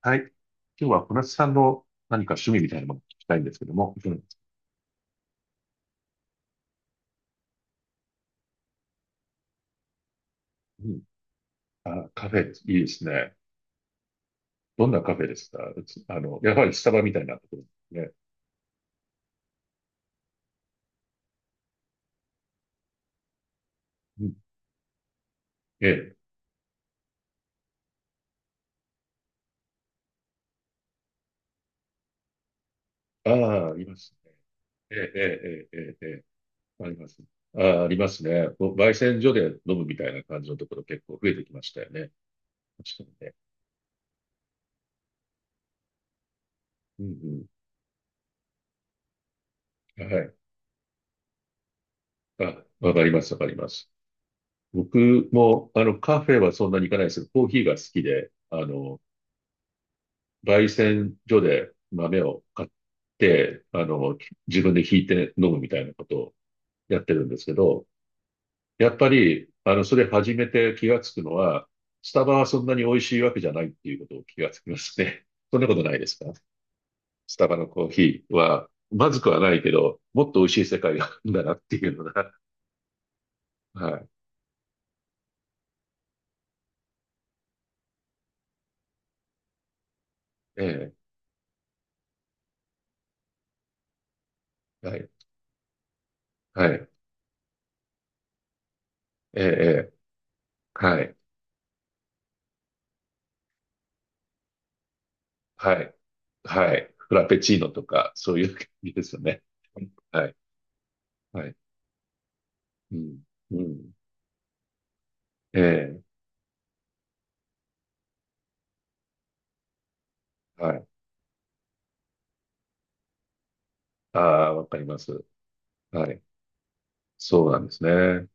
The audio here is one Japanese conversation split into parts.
はい。今日は小夏さんの何か趣味みたいなものを聞きたいんですけども。うん。うん。あ、カフェ、いいですね。どんなカフェですか？うち、やはりスタバみたいなところですね。うん。ええ。ああ、ありますね。ええ、ええ、ええ、ええ。ええ、あります。ああ、ありますね。こう焙煎所で飲むみたいな感じのところ結構増えてきましたよね。確かにね。うんうん。はい。あ、わかります、わかります。僕も、カフェはそんなに行かないですけど、コーヒーが好きで、焙煎所で豆を買って、自分で挽いて飲むみたいなことをやってるんですけど、やっぱり、それ始めて気がつくのは、スタバはそんなに美味しいわけじゃないっていうことを気がつきますね。そんなことないですか？スタバのコーヒーは、まずくはないけど、もっと美味しい世界があるんだなっていうのが、はい、ええ、はい、はい、ええ、ええ、はい、はい、はい、フラペチーノとか、そういう感じですよね。はい、はい。うん。うん。ええ。はい。ああ、わかります。はい。そうなんですね。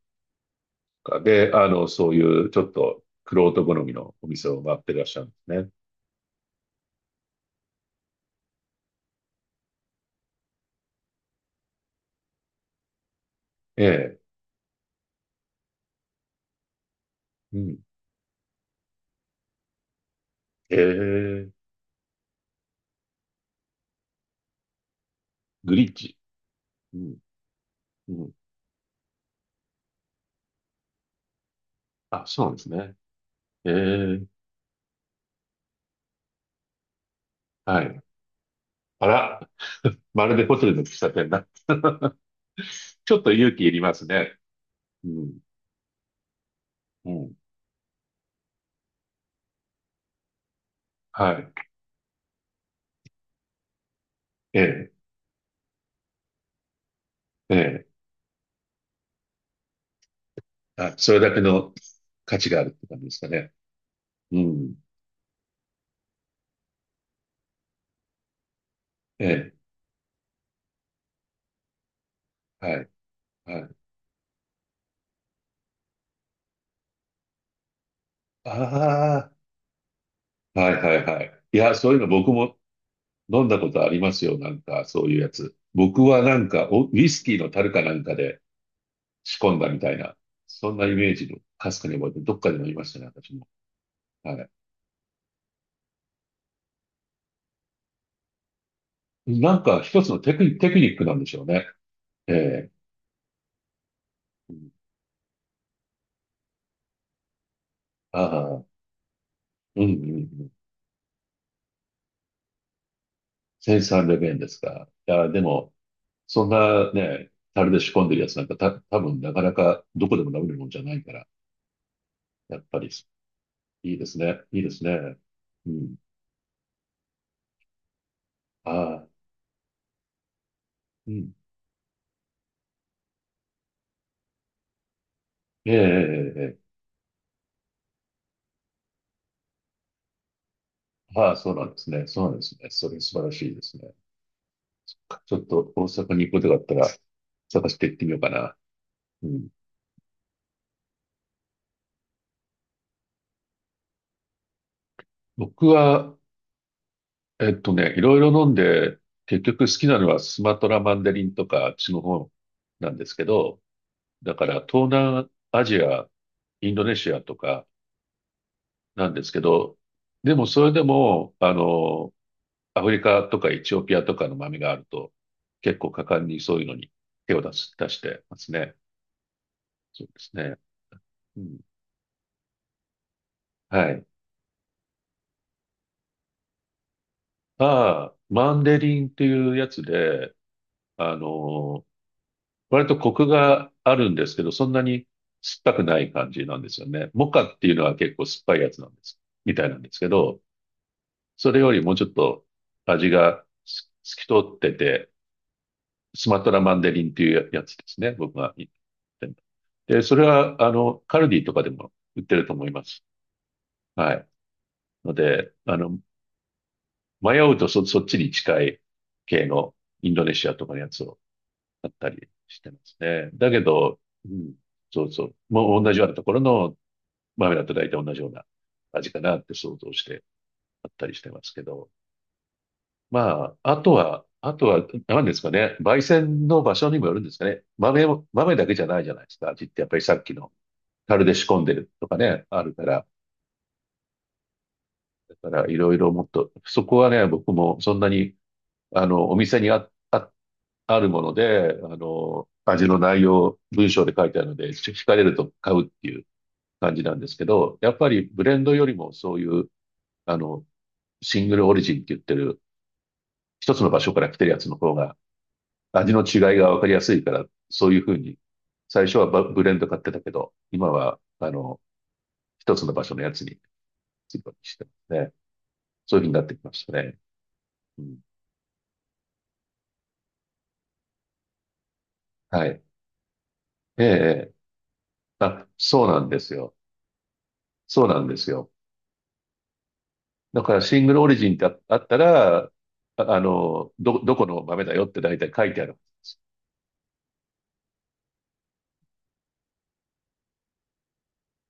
かで、そういうちょっと、玄人好みのお店を回ってらっしゃるんですね。ええ。うん。ええ。グリッチ。うん。うん。あ、そうなんですね。ええ。はい。あら、まるでホテルの喫茶店だ。ちょっと勇気いりますね。うん。うん。はい。ええ。ええ。あ、それだけの価値があるって感じですかね。うん。ええ。はい。はい。ああ、はいはいはい。いや、そういうの僕も飲んだことありますよ。なんか、そういうやつ。僕はなんか、おウイスキーの樽かなんかで仕込んだみたいな、そんなイメージのかすかに覚えて、どっかで飲みましたね、私も。はい。なんか、一つのテクニックなんでしょうね。ええ。うん。ああ、うんうんうん。1300円ですか。いや、でも、そんなね、樽で仕込んでるやつなんか、多分なかなかどこでも飲めるもんじゃないから、やっぱり、いいですね。いいですね。うん。はい。うん。ええ、ええ、ええ、はい、そうなんですね。そうなんですね。それ素晴らしいですね。ちょっと大阪に行くことがあったら探して行ってみようかな。うん。僕は、いろいろ飲んで、結局好きなのはスマトラマンデリンとかあっちの方なんですけど、だから東南アジア、インドネシアとかなんですけど、でもそれでも、アフリカとかエチオピアとかの豆があると、結構果敢にそういうのに手を出してますね。そうですね。うん、はい。ああ、マンデリンっていうやつで、あのー割とコクがあるんですけど、そんなに酸っぱくない感じなんですよね。モカっていうのは結構酸っぱいやつなんです、みたいなんですけど、それよりもうちょっと味が透き通ってて、スマトラマンデリンっていうやつですね。僕が言って。で、それは、カルディとかでも売ってると思います。はい。ので、迷うとそっちに近い系のインドネシアとかのやつを買ったりしてますね。だけど、うん、そうそう。もう同じようなところの豆だと大体同じような味かなって想像して買ったりしてますけど。まあ、あとは、何ですかね。焙煎の場所にもよるんですかね。豆も、豆だけじゃないじゃないですか。味ってやっぱりさっきの樽で仕込んでるとかね、あるから。だからいろいろもっと、そこはね、僕もそんなに、お店にあるもので、味の内容、文章で書いてあるので、惹かれると買うっていう感じなんですけど、やっぱりブレンドよりもそういう、あの、シングルオリジンって言ってる、一つの場所から来てるやつの方が、味の違いがわかりやすいから、そういうふうに、最初はブレンド買ってたけど、今は、一つの場所のやつに、するようにしてますね。そういうふうになってきましたね。うん、はい。ええ、え、あ、そうなんですよ。そうなんですよ。だからシングルオリジンってあったら、どこの豆だよって大体書いてあるんです。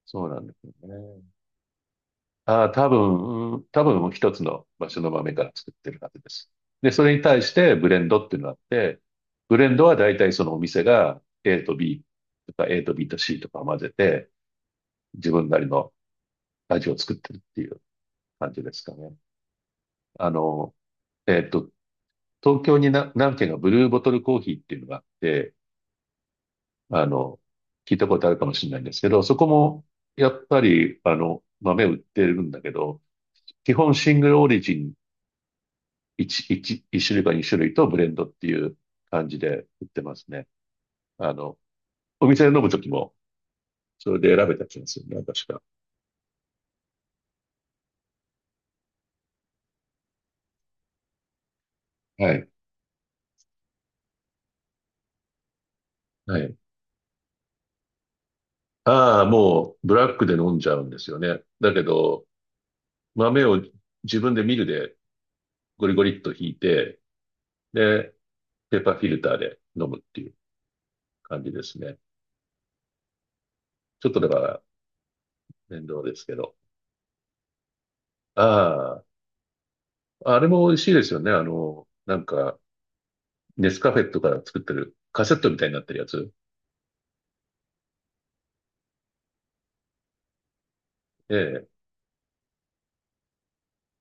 そうなんですよね。ああ、多分一つの場所の豆から作ってるはずです。で、それに対してブレンドっていうのがあって、ブレンドは大体そのお店が A と B とか A と B と C とかを混ぜて、自分なりの味を作ってるっていう感じですかね。あの、えっと、東京に何軒かブルーボトルコーヒーっていうのがあって、あの、聞いたことあるかもしれないんですけど、そこも、やっぱり、豆売ってるんだけど、基本シングルオリジン1、一種類か2種類とブレンドっていう感じで売ってますね。あの、お店で飲むときも、それで選べた気がするな、確か。はい。はい。ああ、もう、ブラックで飲んじゃうんですよね。だけど、豆を自分でミルでゴリゴリっとひいて、で、ペーパーフィルターで飲むっていう感じですね。ちょっとだから面倒ですけど。ああ、あれも美味しいですよね。なんか、ネスカフェとか作ってるカセットみたいになってるやつ。ええ。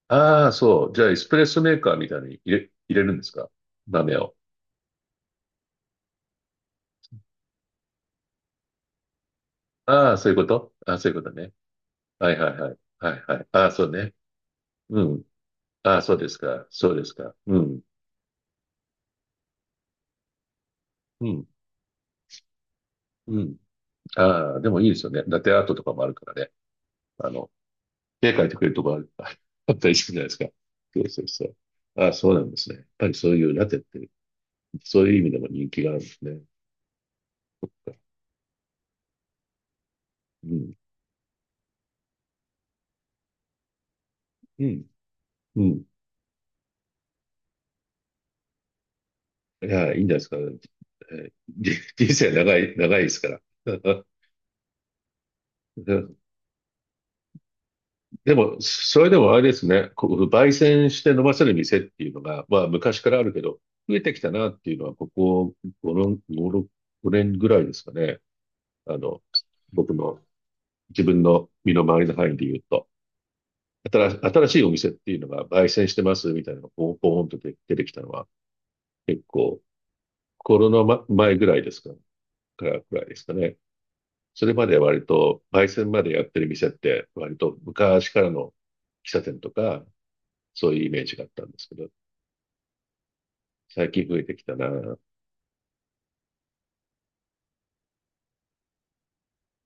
ああ、そう。じゃあ、エスプレッソメーカーみたいに入れるんですか？豆を。ああ、そういうこと。ああ、そういうことね。はいはいはい。はいはい。ああ、そうね。うん。ああ、そうですか。そうですか。うん。うん。うん。ああ、でもいいですよね。ラテアートとかもあるからね。あの、絵描いてくれるとこあるああったりするじゃないですか。そうそうそう。ああ、そうなんですね。やっぱりそういうラテって、そういう意味でも人気があるんですね。うん、うん、うん。いや、いいんじゃないですか。えーじ 人生長い、長いですから。でも、それでもあれですね、こう焙煎して飲ませる店っていうのが、まあ昔からあるけど、増えてきたなっていうのは、ここ5、年ぐらいですかね。あの、僕の自分の身の回りの範囲で言うと。新しいお店っていうのが焙煎してますみたいなのがポンポンと出てきたのは結構コロナ前ぐらいですか、からくらいですかね。それまで割と焙煎までやってる店って割と昔からの喫茶店とかそういうイメージがあったんですけど、最近増えてきたな。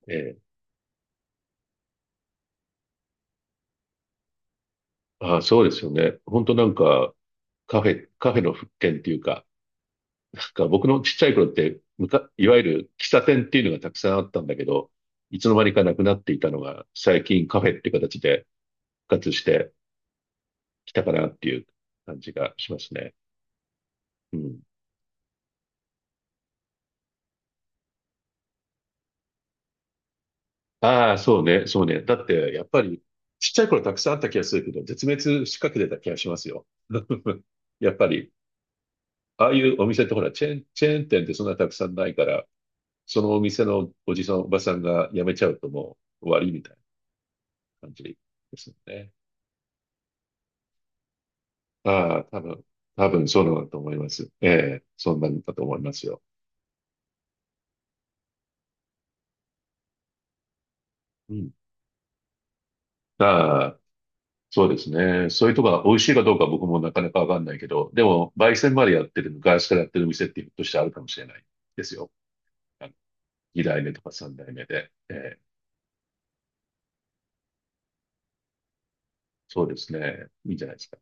ええ。ああ、そうですよね。本当なんかカフェの復権っていうか、なんか僕のちっちゃい頃って、いわゆる喫茶店っていうのがたくさんあったんだけど、いつの間にかなくなっていたのが、最近カフェって形で復活してきたかなっていう感じがしますね。うん。ああ、そうね、そうね。だって、やっぱり、ちっちゃい頃たくさんあった気がするけど、絶滅しかけてた気がしますよ。やっぱり、ああいうお店ってほら、チェーン店ってそんなたくさんないから、そのお店のおじさん、おばさんが辞めちゃうともう終わりみたいな感じですよね。ああ、多分そうなんだと思います。ええ、そんなんだと思いますよ。うん。ああ、そうですね。そういうとこが美味しいかどうか僕もなかなかわかんないけど、でも、焙煎までやってる、昔からやってる店ってひょっとしてあるかもしれないですよ。に代目とか三代目で。ええ、そうですね。いいんじゃないですか。